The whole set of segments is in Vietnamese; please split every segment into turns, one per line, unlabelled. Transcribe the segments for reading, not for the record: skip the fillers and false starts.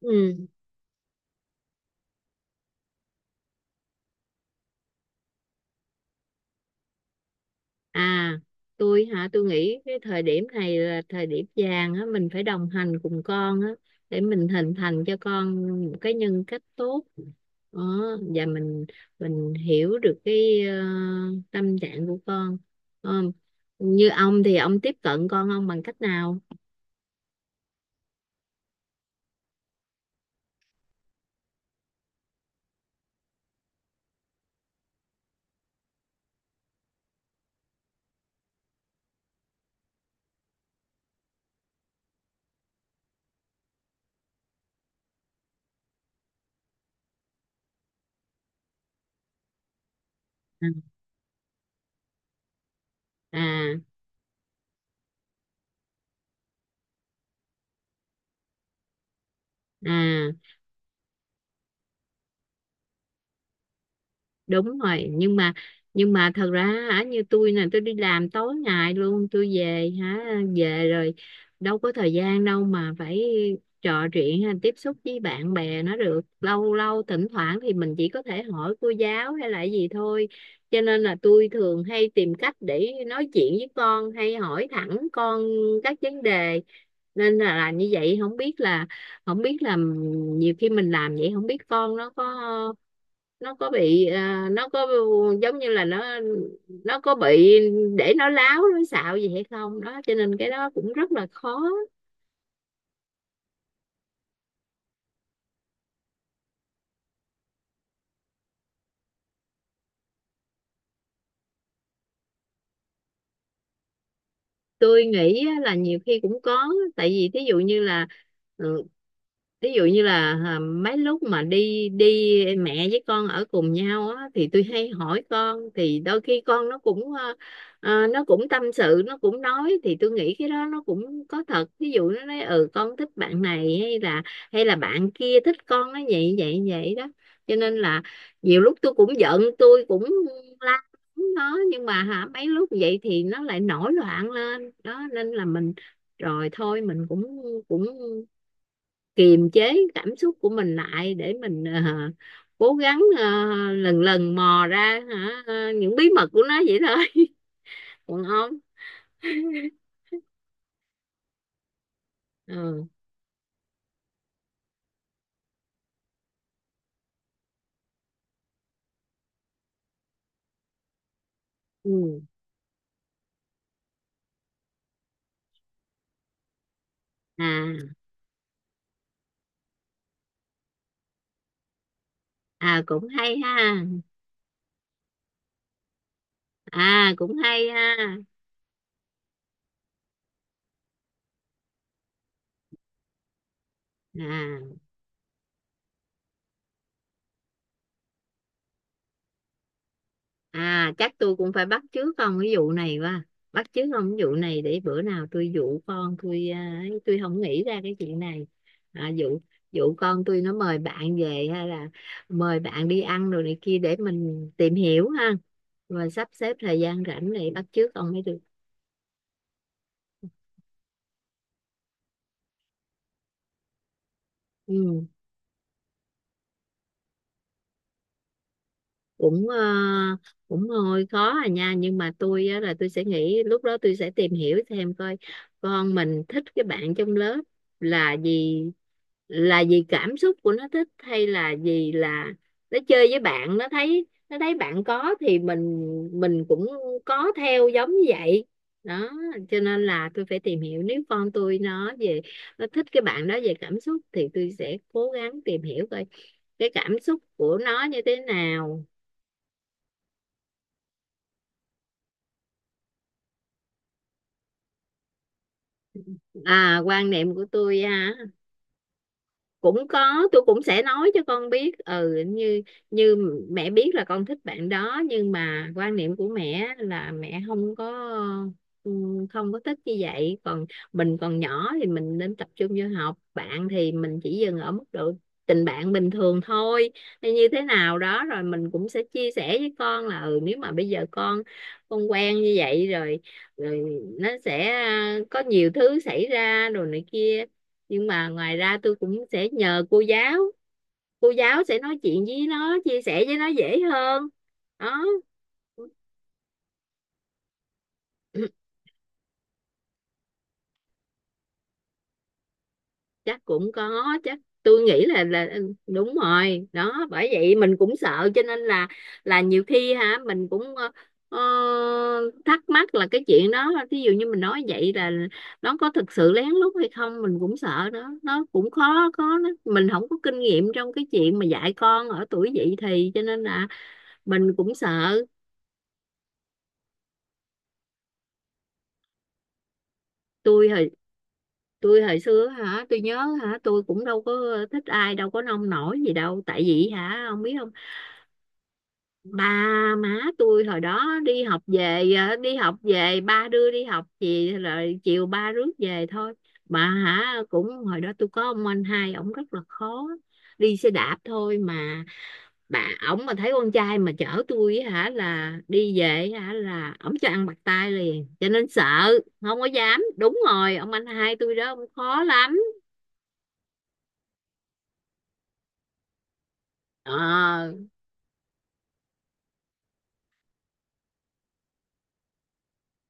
Ừ. À, tôi nghĩ cái thời điểm này là thời điểm vàng á, mình phải đồng hành cùng con á, để mình hình thành cho con một cái nhân cách tốt. Đó, và mình hiểu được cái tâm trạng của con. Ờ, Như ông thì ông tiếp cận con ông bằng cách nào? À, à. À. Đúng rồi, nhưng mà thật ra hả, như tôi nè, tôi đi làm tối ngày luôn, tôi về hả, về rồi đâu có thời gian đâu mà phải trò chuyện hay tiếp xúc với bạn bè nó được lâu. Lâu thỉnh thoảng thì mình chỉ có thể hỏi cô giáo hay là gì thôi, cho nên là tôi thường hay tìm cách để nói chuyện với con hay hỏi thẳng con các vấn đề, nên là như vậy. Không biết là nhiều khi mình làm vậy không biết con nó có, nó có bị à, nó có giống như là nó có bị để nó láo nó xạo gì hay không đó, cho nên cái đó cũng rất là khó. Tôi nghĩ á, là nhiều khi cũng có, tại vì thí dụ như là ừ, ví dụ như là à, mấy lúc mà đi đi mẹ với con ở cùng nhau á thì tôi hay hỏi con, thì đôi khi con nó cũng nó cũng tâm sự, nó cũng nói, thì tôi nghĩ cái đó nó cũng có thật. Ví dụ nó nói ừ con thích bạn này hay là, hay là bạn kia thích con, nó vậy vậy vậy đó, cho nên là nhiều lúc tôi cũng giận, tôi cũng la nó, nhưng mà hả mấy lúc vậy thì nó lại nổi loạn lên đó, nên là mình rồi thôi mình cũng cũng kiềm chế cảm xúc của mình lại để mình cố gắng lần lần mò ra hả những bí mật của nó vậy thôi. Còn ông? Ừ. Ừ. À. À cũng hay ha. À cũng hay ha. À. À chắc tôi cũng phải bắt chước ông cái vụ này quá. Bắt chước ông cái vụ này để bữa nào tôi dụ con tôi à, ấy, tôi không nghĩ ra cái chuyện này. À, dụ dụ con tôi nó mời bạn về hay là mời bạn đi ăn rồi này kia để mình tìm hiểu ha. Rồi sắp xếp thời gian rảnh để bắt chước ông mới được. Ừ. Cũng cũng hơi khó à nha, nhưng mà tôi á, là tôi sẽ nghĩ lúc đó tôi sẽ tìm hiểu thêm coi con mình thích cái bạn trong lớp là gì, là vì cảm xúc của nó thích hay là vì là nó chơi với bạn nó thấy, nó thấy bạn có thì mình cũng có theo giống như vậy đó, cho nên là tôi phải tìm hiểu. Nếu con tôi nó về nó thích cái bạn đó về cảm xúc thì tôi sẽ cố gắng tìm hiểu coi cái cảm xúc của nó như thế nào. À, quan niệm của tôi á, cũng có, tôi cũng sẽ nói cho con biết ừ như như mẹ biết là con thích bạn đó, nhưng mà quan niệm của mẹ là mẹ không có ừ, không có thích như vậy. Còn mình còn nhỏ thì mình nên tập trung vô học, bạn thì mình chỉ dừng ở mức độ tình bạn bình thường thôi hay như thế nào đó. Rồi mình cũng sẽ chia sẻ với con là ừ nếu mà bây giờ con quen như vậy rồi, rồi nó sẽ à, có nhiều thứ xảy ra đồ này kia. Nhưng mà ngoài ra tôi cũng sẽ nhờ cô giáo, cô giáo sẽ nói chuyện với nó, chia sẻ với nó dễ hơn. Đó. Chắc cũng có, chắc tôi nghĩ là là đúng rồi đó, bởi vậy mình cũng sợ cho nên là nhiều khi hả mình cũng ờ, thắc mắc là cái chuyện đó, ví dụ như mình nói vậy là nó có thực sự lén lút hay không, mình cũng sợ đó. Nó cũng khó, có nó mình không có kinh nghiệm trong cái chuyện mà dạy con ở tuổi dậy thì, cho nên là mình cũng sợ. Tôi hồi tôi hồi xưa hả, tôi nhớ hả, tôi cũng đâu có thích ai, đâu có nông nổi gì đâu, tại vì hả ông biết không, ba má tôi hồi đó đi học về đi học về ba đưa đi học gì rồi chiều ba rước về thôi, mà hả cũng hồi đó tôi có ông anh hai ổng rất là khó. Đi xe đạp thôi mà bà, ổng mà thấy con trai mà chở tôi á hả là đi về hả là ổng cho ăn bạc tai liền, cho nên sợ không có dám. Đúng rồi, ông anh hai tôi đó ông khó lắm. Ờ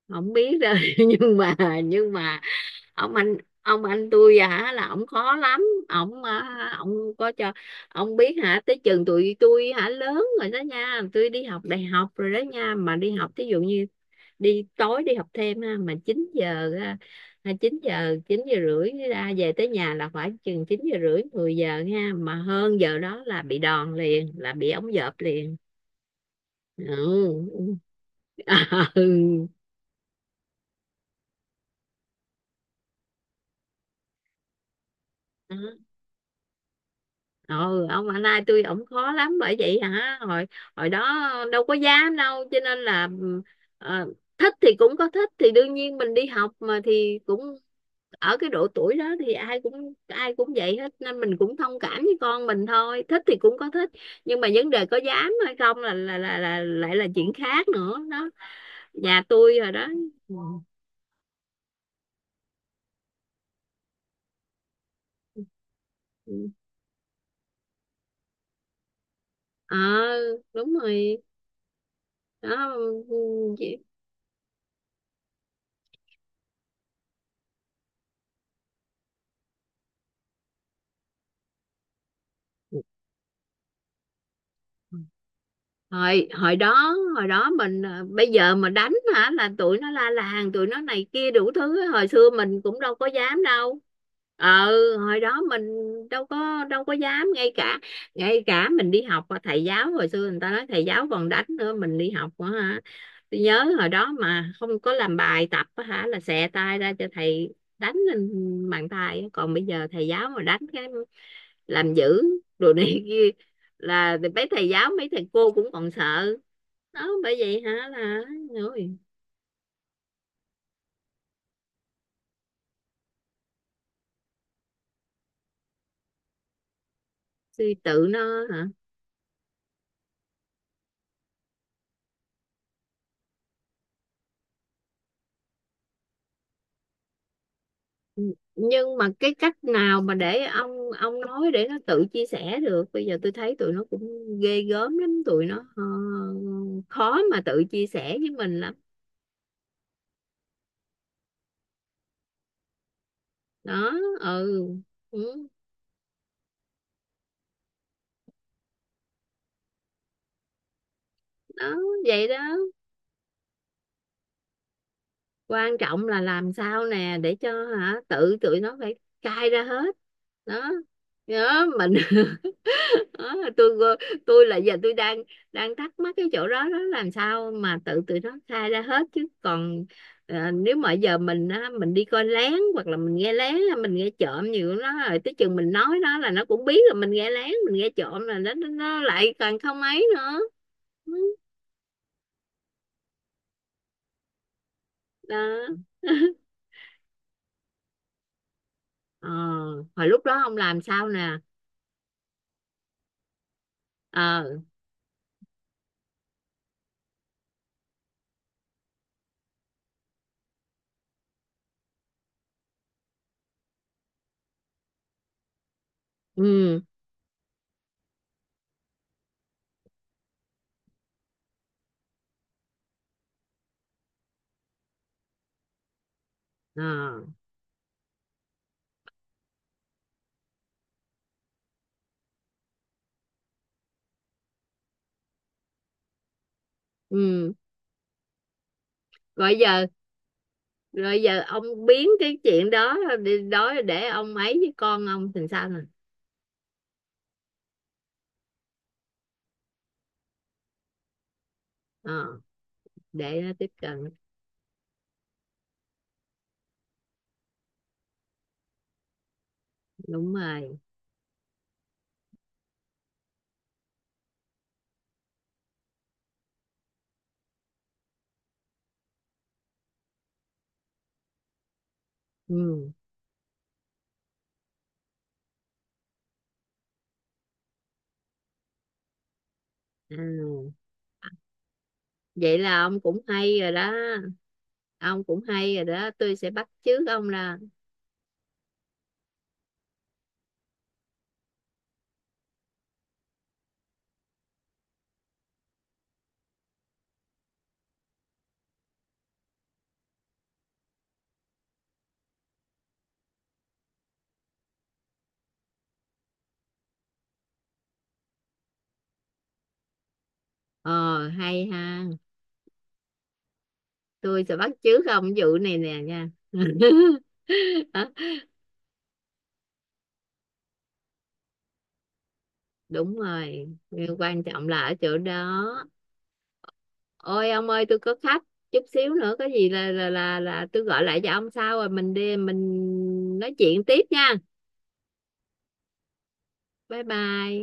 không biết rồi. Nhưng mà, nhưng mà ông anh ông anh tôi hả là ổng khó lắm. Ổng có cho ông biết hả tới chừng tụi tôi hả lớn rồi đó nha, tôi đi học đại học rồi đó nha, mà đi học thí dụ như đi tối đi học thêm ha mà 9 giờ ha, 9 giờ 9 giờ rưỡi ra về, tới nhà là phải chừng 9 giờ rưỡi 10 giờ ha, mà hơn giờ đó là bị đòn liền, là bị ống dợp liền. Ừ. Ừ. Ừ ông anh hai tôi ổng khó lắm, bởi vậy hả hồi hồi đó đâu có dám đâu, cho nên là ờ, thích thì cũng có thích thì đương nhiên mình đi học mà thì cũng ở cái độ tuổi đó thì ai cũng vậy hết, nên mình cũng thông cảm với con mình thôi, thích thì cũng có thích. Nhưng mà vấn đề có dám hay không là lại là chuyện khác nữa đó. Nhà tôi rồi đó. Ừ. Ờ đúng rồi đó. Hồi hồi đó hồi đó mình à, bây giờ mà đánh hả là tụi nó la làng, tụi nó này kia đủ thứ á. Hồi xưa mình cũng đâu có dám đâu. Ờ hồi đó mình đâu có dám, ngay cả mình đi học á, thầy giáo hồi xưa người ta nói thầy giáo còn đánh nữa, mình đi học á hả, tôi nhớ hồi đó mà không có làm bài tập á hả là xẹ tay ra cho thầy đánh lên bàn tay á. Còn bây giờ thầy giáo mà đánh cái làm dữ đồ này kia là mấy thầy giáo mấy thầy cô cũng còn sợ đó, bởi vậy hả là rồi. Suy tự nó hả? Nhưng mà cái cách nào mà để ông nói để nó tự chia sẻ được? Bây giờ tôi thấy tụi nó cũng ghê gớm lắm, tụi nó khó mà tự chia sẻ với mình lắm. Đó. Ừ. Ừ. Đó. Vậy đó, quan trọng là làm sao nè để cho hả tự tụi nó phải cai ra hết đó. Nhớ mình. Đó, tôi là giờ tôi đang đang thắc mắc cái chỗ đó đó, làm sao mà tự tụi nó khai ra hết chứ còn à, nếu mà giờ mình á, mình đi coi lén hoặc là mình nghe lén, là mình nghe trộm nhiều của nó, rồi tới chừng mình nói nó là nó cũng biết là mình nghe lén mình nghe trộm, là nó lại càng không ấy nữa. Ừ, đó. Ờ hồi lúc đó ông làm sao nè? Ờ. Ừ. Ờ. Ừ. rồi giờ rồi giờ ông biến cái chuyện đó đi đó, để ông ấy với con ông thì sao nè? ờ, để nó tiếp cận. Đúng rồi. Ừ. À, vậy là ông cũng hay rồi đó. Ông cũng hay rồi đó, tôi sẽ bắt chước ông ra. Ờ hay ha, tôi sẽ bắt chước ông vụ này nè nha. Đúng rồi, quan trọng là ở chỗ đó. Ôi ông ơi tôi có khách, chút xíu nữa có gì là tôi gọi lại cho ông sau, rồi mình đi mình nói chuyện tiếp nha. Bye bye.